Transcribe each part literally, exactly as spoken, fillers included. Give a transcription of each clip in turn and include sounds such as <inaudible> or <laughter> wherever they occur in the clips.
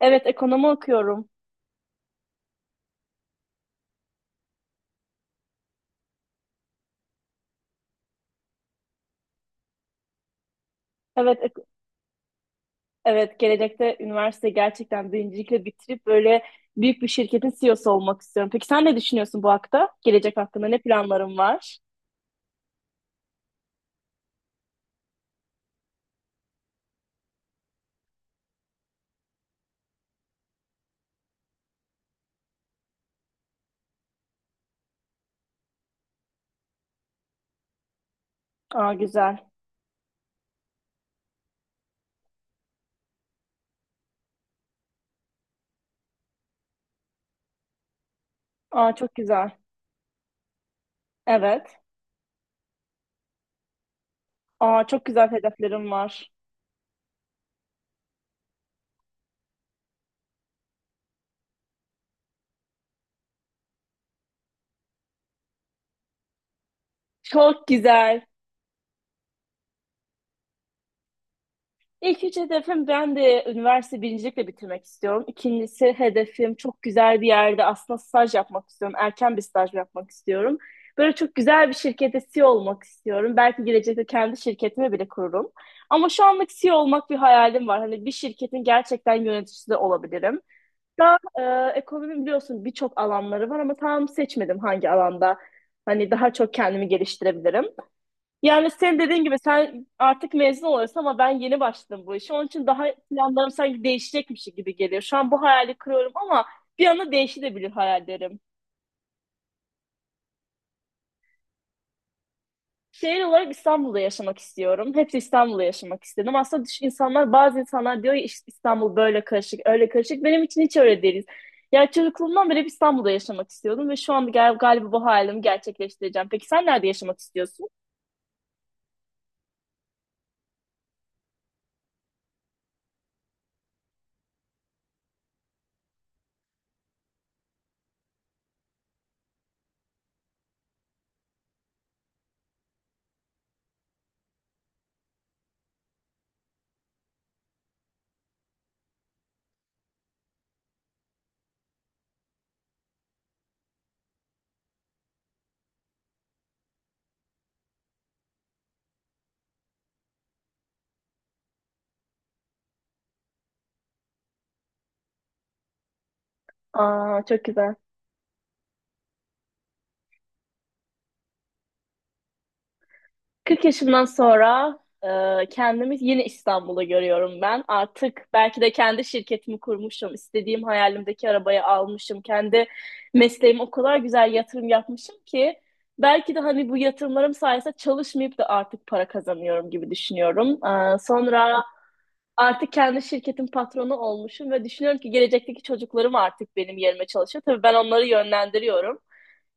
Evet, ekonomi okuyorum. Evet, ek- evet gelecekte üniversite gerçekten birincilikle bitirip böyle büyük bir şirketin C E O'su olmak istiyorum. Peki sen ne düşünüyorsun bu hakta? Gelecek hakkında ne planların var? Aa güzel. Aa çok güzel. Evet. Aa çok güzel hedeflerim var. Çok güzel. İlk üç hedefim ben de üniversite birincilikle bitirmek istiyorum. İkincisi hedefim çok güzel bir yerde aslında staj yapmak istiyorum. Erken bir staj yapmak istiyorum. Böyle çok güzel bir şirkette C E O olmak istiyorum. Belki gelecekte kendi şirketimi bile kururum. Ama şu anlık C E O olmak bir hayalim var. Hani bir şirketin gerçekten yöneticisi de olabilirim. Daha e, ekonomi biliyorsun birçok alanları var ama tam seçmedim hangi alanda. Hani daha çok kendimi geliştirebilirim. Yani sen dediğin gibi sen artık mezun oluyorsun ama ben yeni başladım bu işe. Onun için daha planlarım sanki değişecekmiş gibi geliyor. Şu an bu hayali kırıyorum ama bir anda değişebilir hayallerim. Şehir olarak İstanbul'da yaşamak istiyorum. Hep İstanbul'da yaşamak istedim. Aslında düş- insanlar, bazı insanlar diyor ya "İşte İstanbul böyle karışık, öyle karışık." Benim için hiç öyle değil. Yani çocukluğumdan beri hep İstanbul'da yaşamak istiyordum ve şu anda gal- galiba bu hayalimi gerçekleştireceğim. Peki sen nerede yaşamak istiyorsun? Aa, çok güzel. kırk yaşımdan sonra e, kendimi yine İstanbul'da görüyorum ben. Artık belki de kendi şirketimi kurmuşum, istediğim hayalimdeki arabayı almışım, kendi mesleğime o kadar güzel yatırım yapmışım ki belki de hani bu yatırımlarım sayesinde çalışmayıp da artık para kazanıyorum gibi düşünüyorum. E, sonra artık kendi şirketin patronu olmuşum ve düşünüyorum ki gelecekteki çocuklarım artık benim yerime çalışıyor. Tabii ben onları yönlendiriyorum.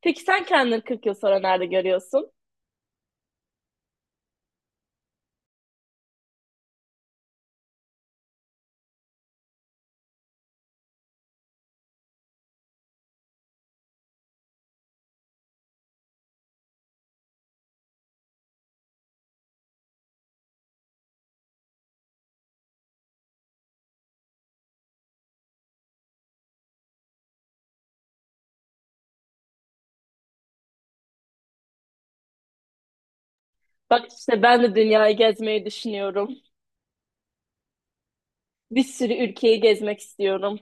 Peki sen kendini kırk yıl sonra nerede görüyorsun? Bak işte ben de dünyayı gezmeyi düşünüyorum. Bir sürü ülkeyi gezmek istiyorum.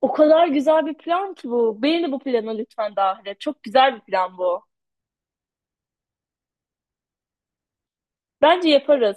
O kadar güzel bir plan ki bu. Beni de bu plana lütfen dahil et. Çok güzel bir plan bu. Bence yaparız.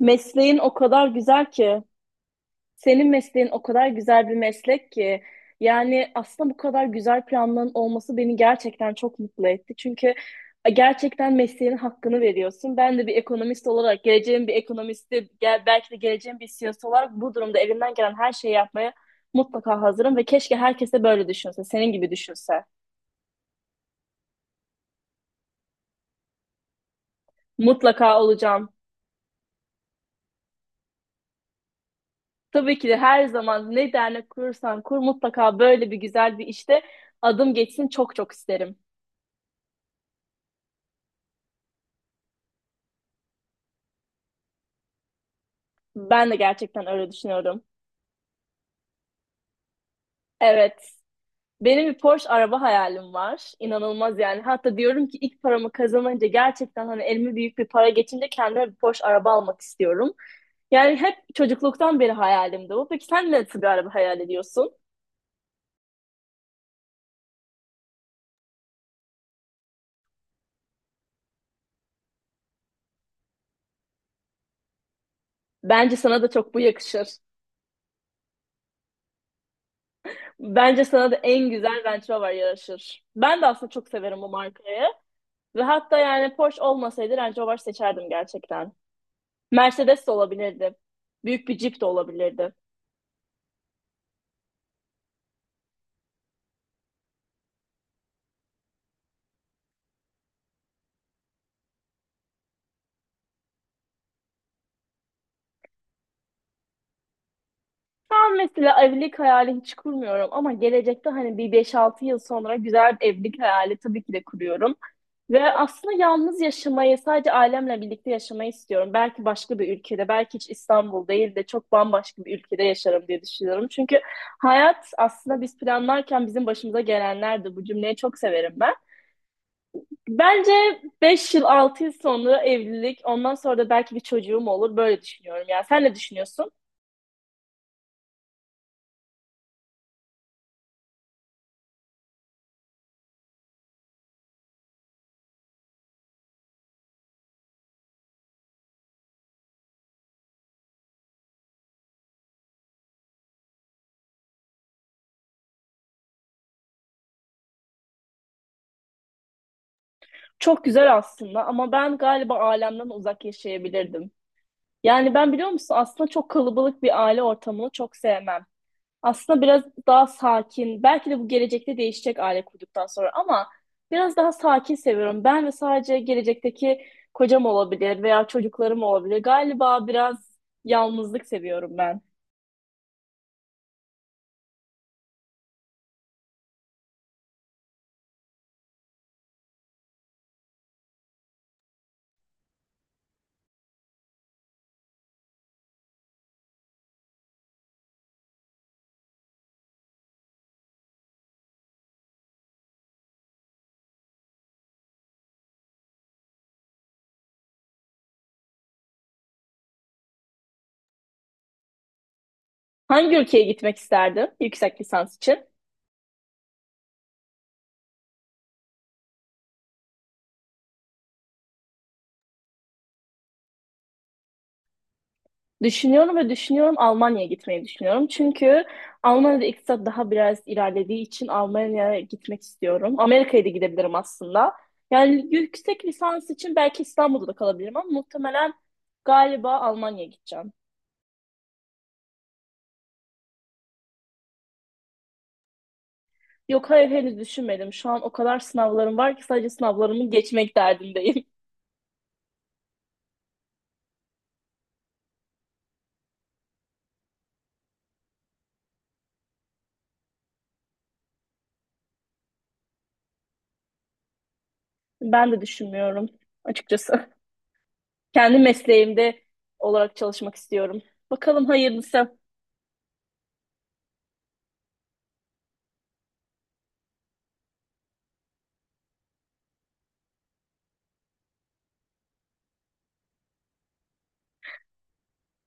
Mesleğin o kadar güzel ki. Senin mesleğin o kadar güzel bir meslek ki yani aslında bu kadar güzel planların olması beni gerçekten çok mutlu etti. Çünkü gerçekten mesleğinin hakkını veriyorsun. Ben de bir ekonomist olarak, geleceğim bir ekonomisti, gel- belki de geleceğim bir C E O'su olarak bu durumda elimden gelen her şeyi yapmaya mutlaka hazırım ve keşke herkes de böyle düşünse, senin gibi düşünse. Mutlaka olacağım. Tabii ki de her zaman ne dernek kurursan kur mutlaka böyle bir güzel bir işte adım geçsin çok çok isterim. Ben de gerçekten öyle düşünüyorum. Evet. Benim bir Porsche araba hayalim var. İnanılmaz yani. Hatta diyorum ki ilk paramı kazanınca gerçekten hani elime büyük bir para geçince kendime bir Porsche araba almak istiyorum. Yani hep çocukluktan beri hayalimdi bu. Peki sen nasıl bir araba hayal ediyorsun? Bence sana da çok bu yakışır. Bence sana da en güzel Range Rover yaraşır. Ben de aslında çok severim bu markayı. Ve hatta yani Porsche olmasaydı Range Rover seçerdim gerçekten. Mercedes de olabilirdi. Büyük bir Jeep de olabilirdi. Şu an mesela evlilik hayali hiç kurmuyorum ama gelecekte hani bir beş altı yıl sonra güzel bir evlilik hayali tabii ki de kuruyorum. Ve aslında yalnız yaşamayı, sadece ailemle birlikte yaşamayı istiyorum. Belki başka bir ülkede, belki hiç İstanbul değil de çok bambaşka bir ülkede yaşarım diye düşünüyorum. Çünkü hayat aslında biz planlarken bizim başımıza gelenlerdi. Bu cümleyi çok severim ben. Bence beş yıl altı yıl sonra evlilik ondan sonra da belki bir çocuğum olur böyle düşünüyorum. Yani sen ne düşünüyorsun? Çok güzel aslında ama ben galiba ailemden uzak yaşayabilirdim. Yani ben biliyor musun aslında çok kalabalık bir aile ortamını çok sevmem. Aslında biraz daha sakin belki de bu gelecekte değişecek aile kurduktan sonra ama biraz daha sakin seviyorum. Ben ve sadece gelecekteki kocam olabilir veya çocuklarım olabilir. Galiba biraz yalnızlık seviyorum ben. Hangi ülkeye gitmek isterdim yüksek lisans için? Düşünüyorum ve düşünüyorum Almanya'ya gitmeyi düşünüyorum. Çünkü Almanya'da iktisat daha biraz ilerlediği için Almanya'ya gitmek istiyorum. Amerika'ya da gidebilirim aslında. Yani yüksek lisans için belki İstanbul'da da kalabilirim ama muhtemelen galiba Almanya'ya gideceğim. Yok hayır henüz düşünmedim. Şu an o kadar sınavlarım var ki sadece sınavlarımı geçmek derdindeyim. <laughs> Ben de düşünmüyorum açıkçası. Kendi mesleğimde olarak çalışmak istiyorum. Bakalım hayırlısı.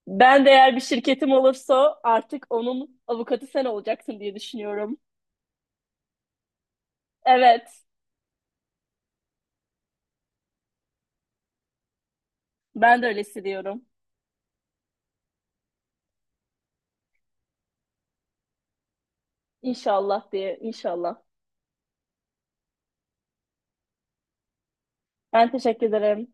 Ben de eğer bir şirketim olursa artık onun avukatı sen olacaksın diye düşünüyorum. Evet, ben de öyle hissediyorum. İnşallah diye, inşallah. Ben teşekkür ederim.